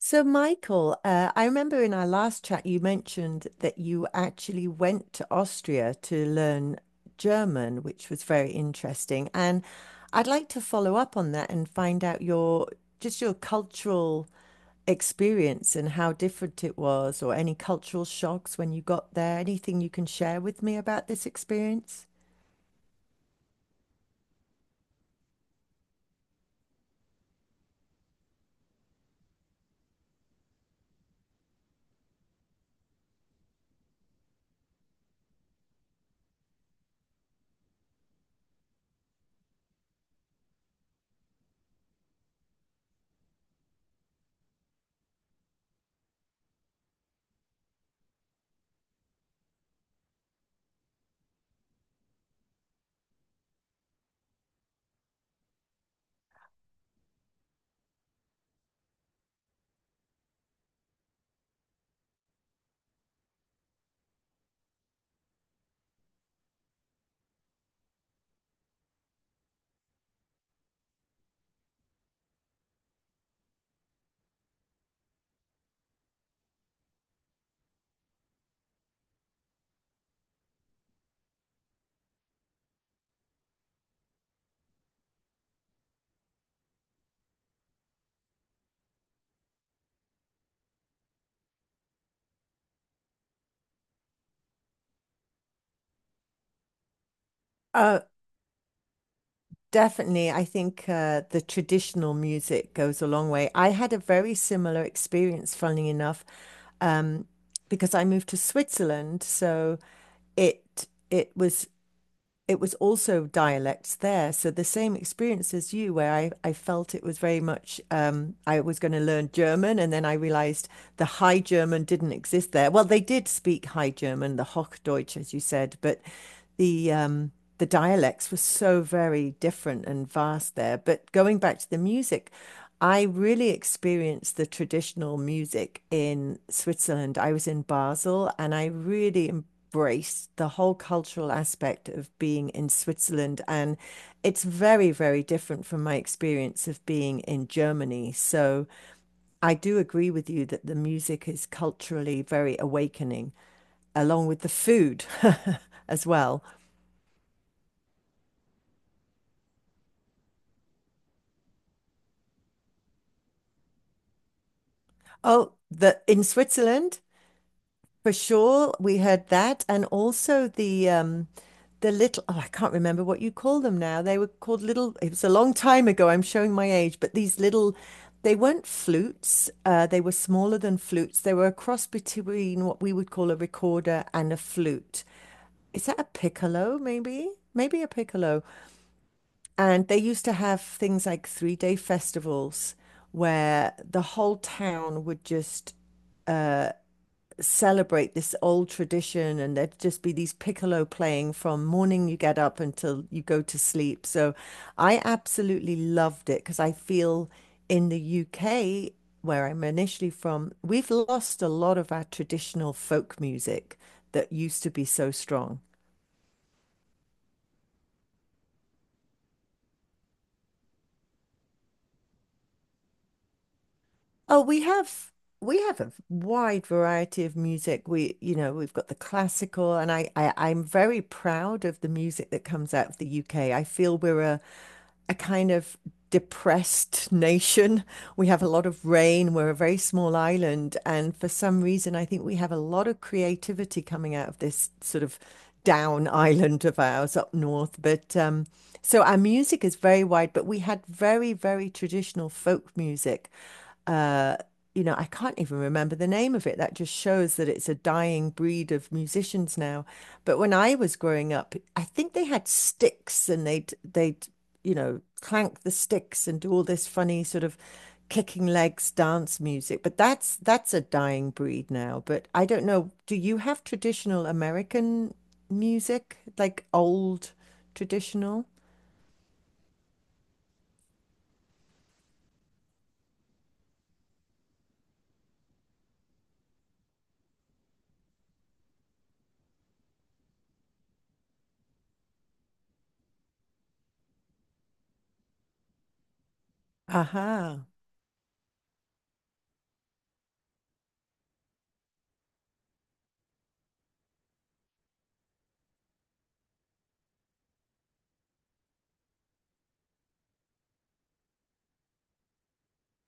So, Michael, I remember in our last chat you mentioned that you actually went to Austria to learn German, which was very interesting. And I'd like to follow up on that and find out your cultural experience and how different it was, or any cultural shocks when you got there. Anything you can share with me about this experience? Uh, Definitely, I think the traditional music goes a long way. I had a very similar experience, funnily enough, um, because I moved to Switzerland. So it it was it was also dialects there. So the same experience as you, where I felt it was very much I was going to learn German, and then I realized the High German didn't exist there. Well, they did speak High German, the Hochdeutsch, as you said, but the um, the dialects were so very different and vast there. But going back to the music, I really experienced the traditional music in Switzerland. I was in Basel and I really embraced the whole cultural aspect of being in Switzerland. And it's very, very different from my experience of being in Germany. So I do agree with you that the music is culturally very awakening, along with the food as well. Oh, the in Switzerland, for sure, we heard that, and also the little, oh, I can't remember what you call them now. They were called little. It was a long time ago. I'm showing my age, but these little, they weren't flutes. They were smaller than flutes. They were a cross between what we would call a recorder and a flute. Is that a piccolo? Maybe, maybe a piccolo. And they used to have things like 3-day festivals where the whole town would just celebrate this old tradition, and there'd just be these piccolo playing from morning you get up until you go to sleep. So I absolutely loved it because I feel in the UK, where I'm initially from, we've lost a lot of our traditional folk music that used to be so strong. Oh, we have a wide variety of music. We, you know, we've got the classical, and I'm very proud of the music that comes out of the UK. I feel we're a kind of depressed nation. We have a lot of rain. We're a very small island, and for some reason, I think we have a lot of creativity coming out of this sort of down island of ours up north. But so our music is very wide, but we had very, very traditional folk music. uh, I can't even remember the name of it. That just shows that it's a dying breed of musicians now. But when I was growing up, I think they had sticks and they'd clank the sticks and do all this funny sort of kicking legs dance music. But that's a dying breed now. But I don't know, do you have traditional American music, like old traditional? Aha.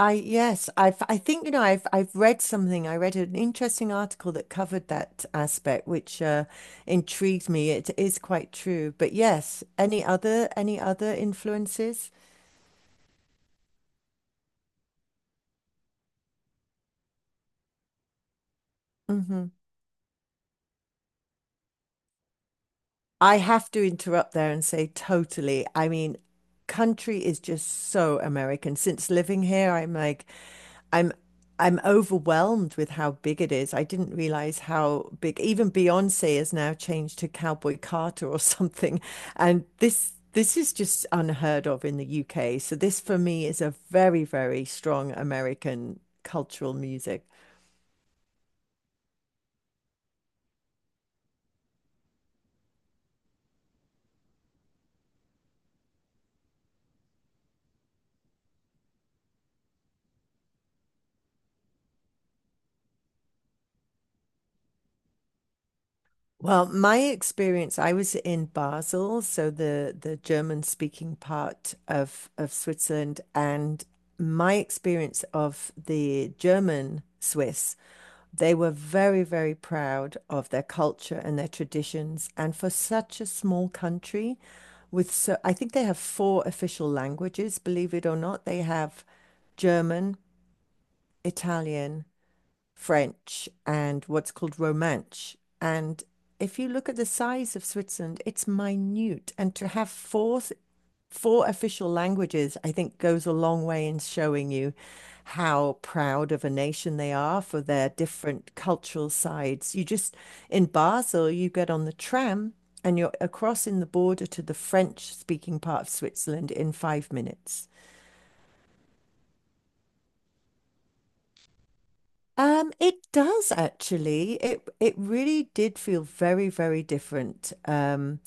I yes, I think I've read something. I read an interesting article that covered that aspect, which intrigued me. It is quite true. But yes, any other influences? Hmm. I have to interrupt there and say totally. I mean, country is just so American. Since living here, I'm like, I'm I'm overwhelmed with how big it is. I didn't realize how big. Even Beyonce has now changed to Cowboy Carter or something. And this is just unheard of in the UK. So this for me is a very, very strong American cultural music. Well, my experience, I was in Basel, so the German speaking part of Switzerland, and my experience of the German Swiss. They were very, very proud of their culture and their traditions. And for such a small country, with so, I think they have four official languages, believe it or not. They have German, Italian, French, and what's called Romance. And if you look at the size of Switzerland, it's minute. And to have four official languages, I think, goes a long way in showing you how proud of a nation they are for their different cultural sides. You just, in Basel, you get on the tram and you're across in the border to the French-speaking part of Switzerland in 5 minutes. It does actually. It really did feel very, very different.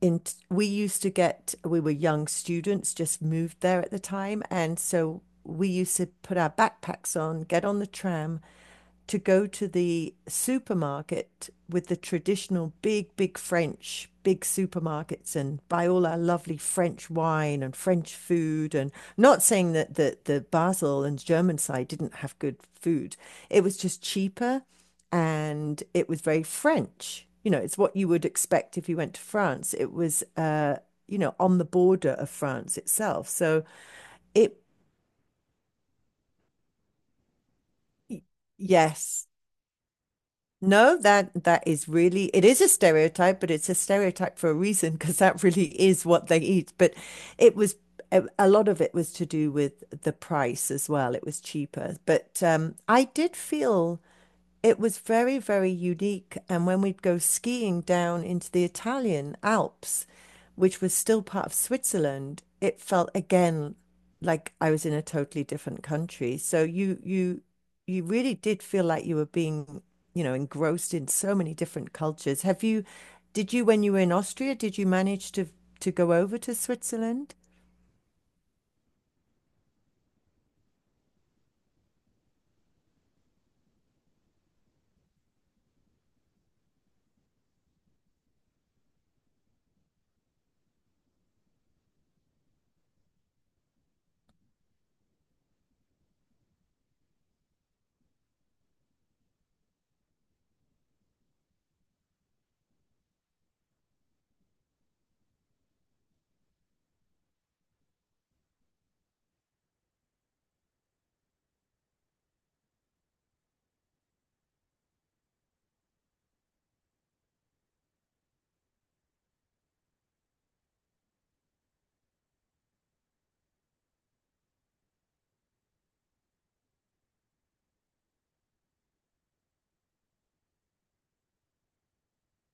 In we used to get we were young students just moved there at the time, and so we used to put our backpacks on, get on the tram to go to the supermarket with the traditional big, big French, big supermarkets, and buy all our lovely French wine and French food. And not saying that the Basel and German side didn't have good food, it was just cheaper and it was very French. You know, it's what you would expect if you went to France. It was, on the border of France itself. So it, yes. No, that is really, it is a stereotype, but it's a stereotype for a reason because that really is what they eat. But it was a lot of it was to do with the price as well. It was cheaper. But I did feel it was very, very unique. And when we'd go skiing down into the Italian Alps, which was still part of Switzerland, it felt again like I was in a totally different country. So you really did feel like you were being, you know, engrossed in so many different cultures. Did you, when you were in Austria, did you manage to go over to Switzerland?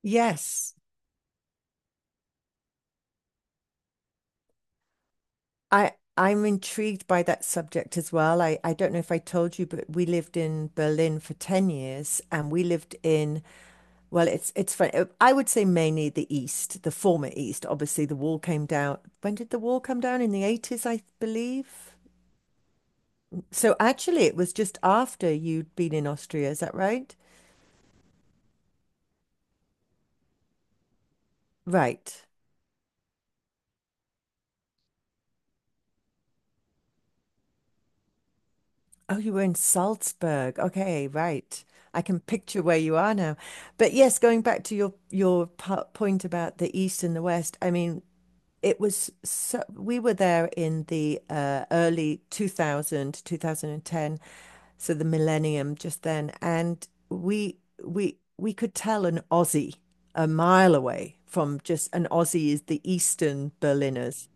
Yes. I I'm intrigued by that subject as well. I don't know if I told you, but we lived in Berlin for 10 years and we lived in, well, it's funny. I would say mainly the East, the former East. Obviously, the wall came down. When did the wall come down? In the 80s, I believe. So actually, it was just after you'd been in Austria, is that right? Right. Oh, you were in Salzburg. Okay, right. I can picture where you are now. But yes, going back to your point about the East and the West, I mean, it was so, we were there in the early two thousand and ten, so the millennium just then, and we could tell an Aussie a mile away. From just an Aussie is the Eastern Berliners,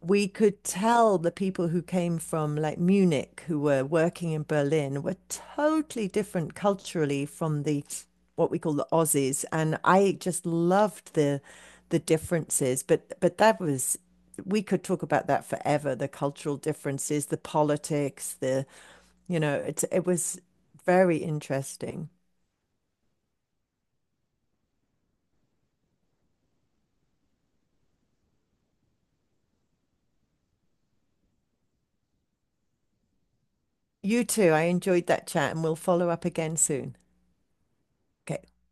we could tell the people who came from like Munich who were working in Berlin were totally different culturally from the what we call the Aussies. And I just loved the differences, but that was, we could talk about that forever, the cultural differences, the politics, the, it was very interesting. You too, I enjoyed that chat, and we'll follow up again soon. Okay.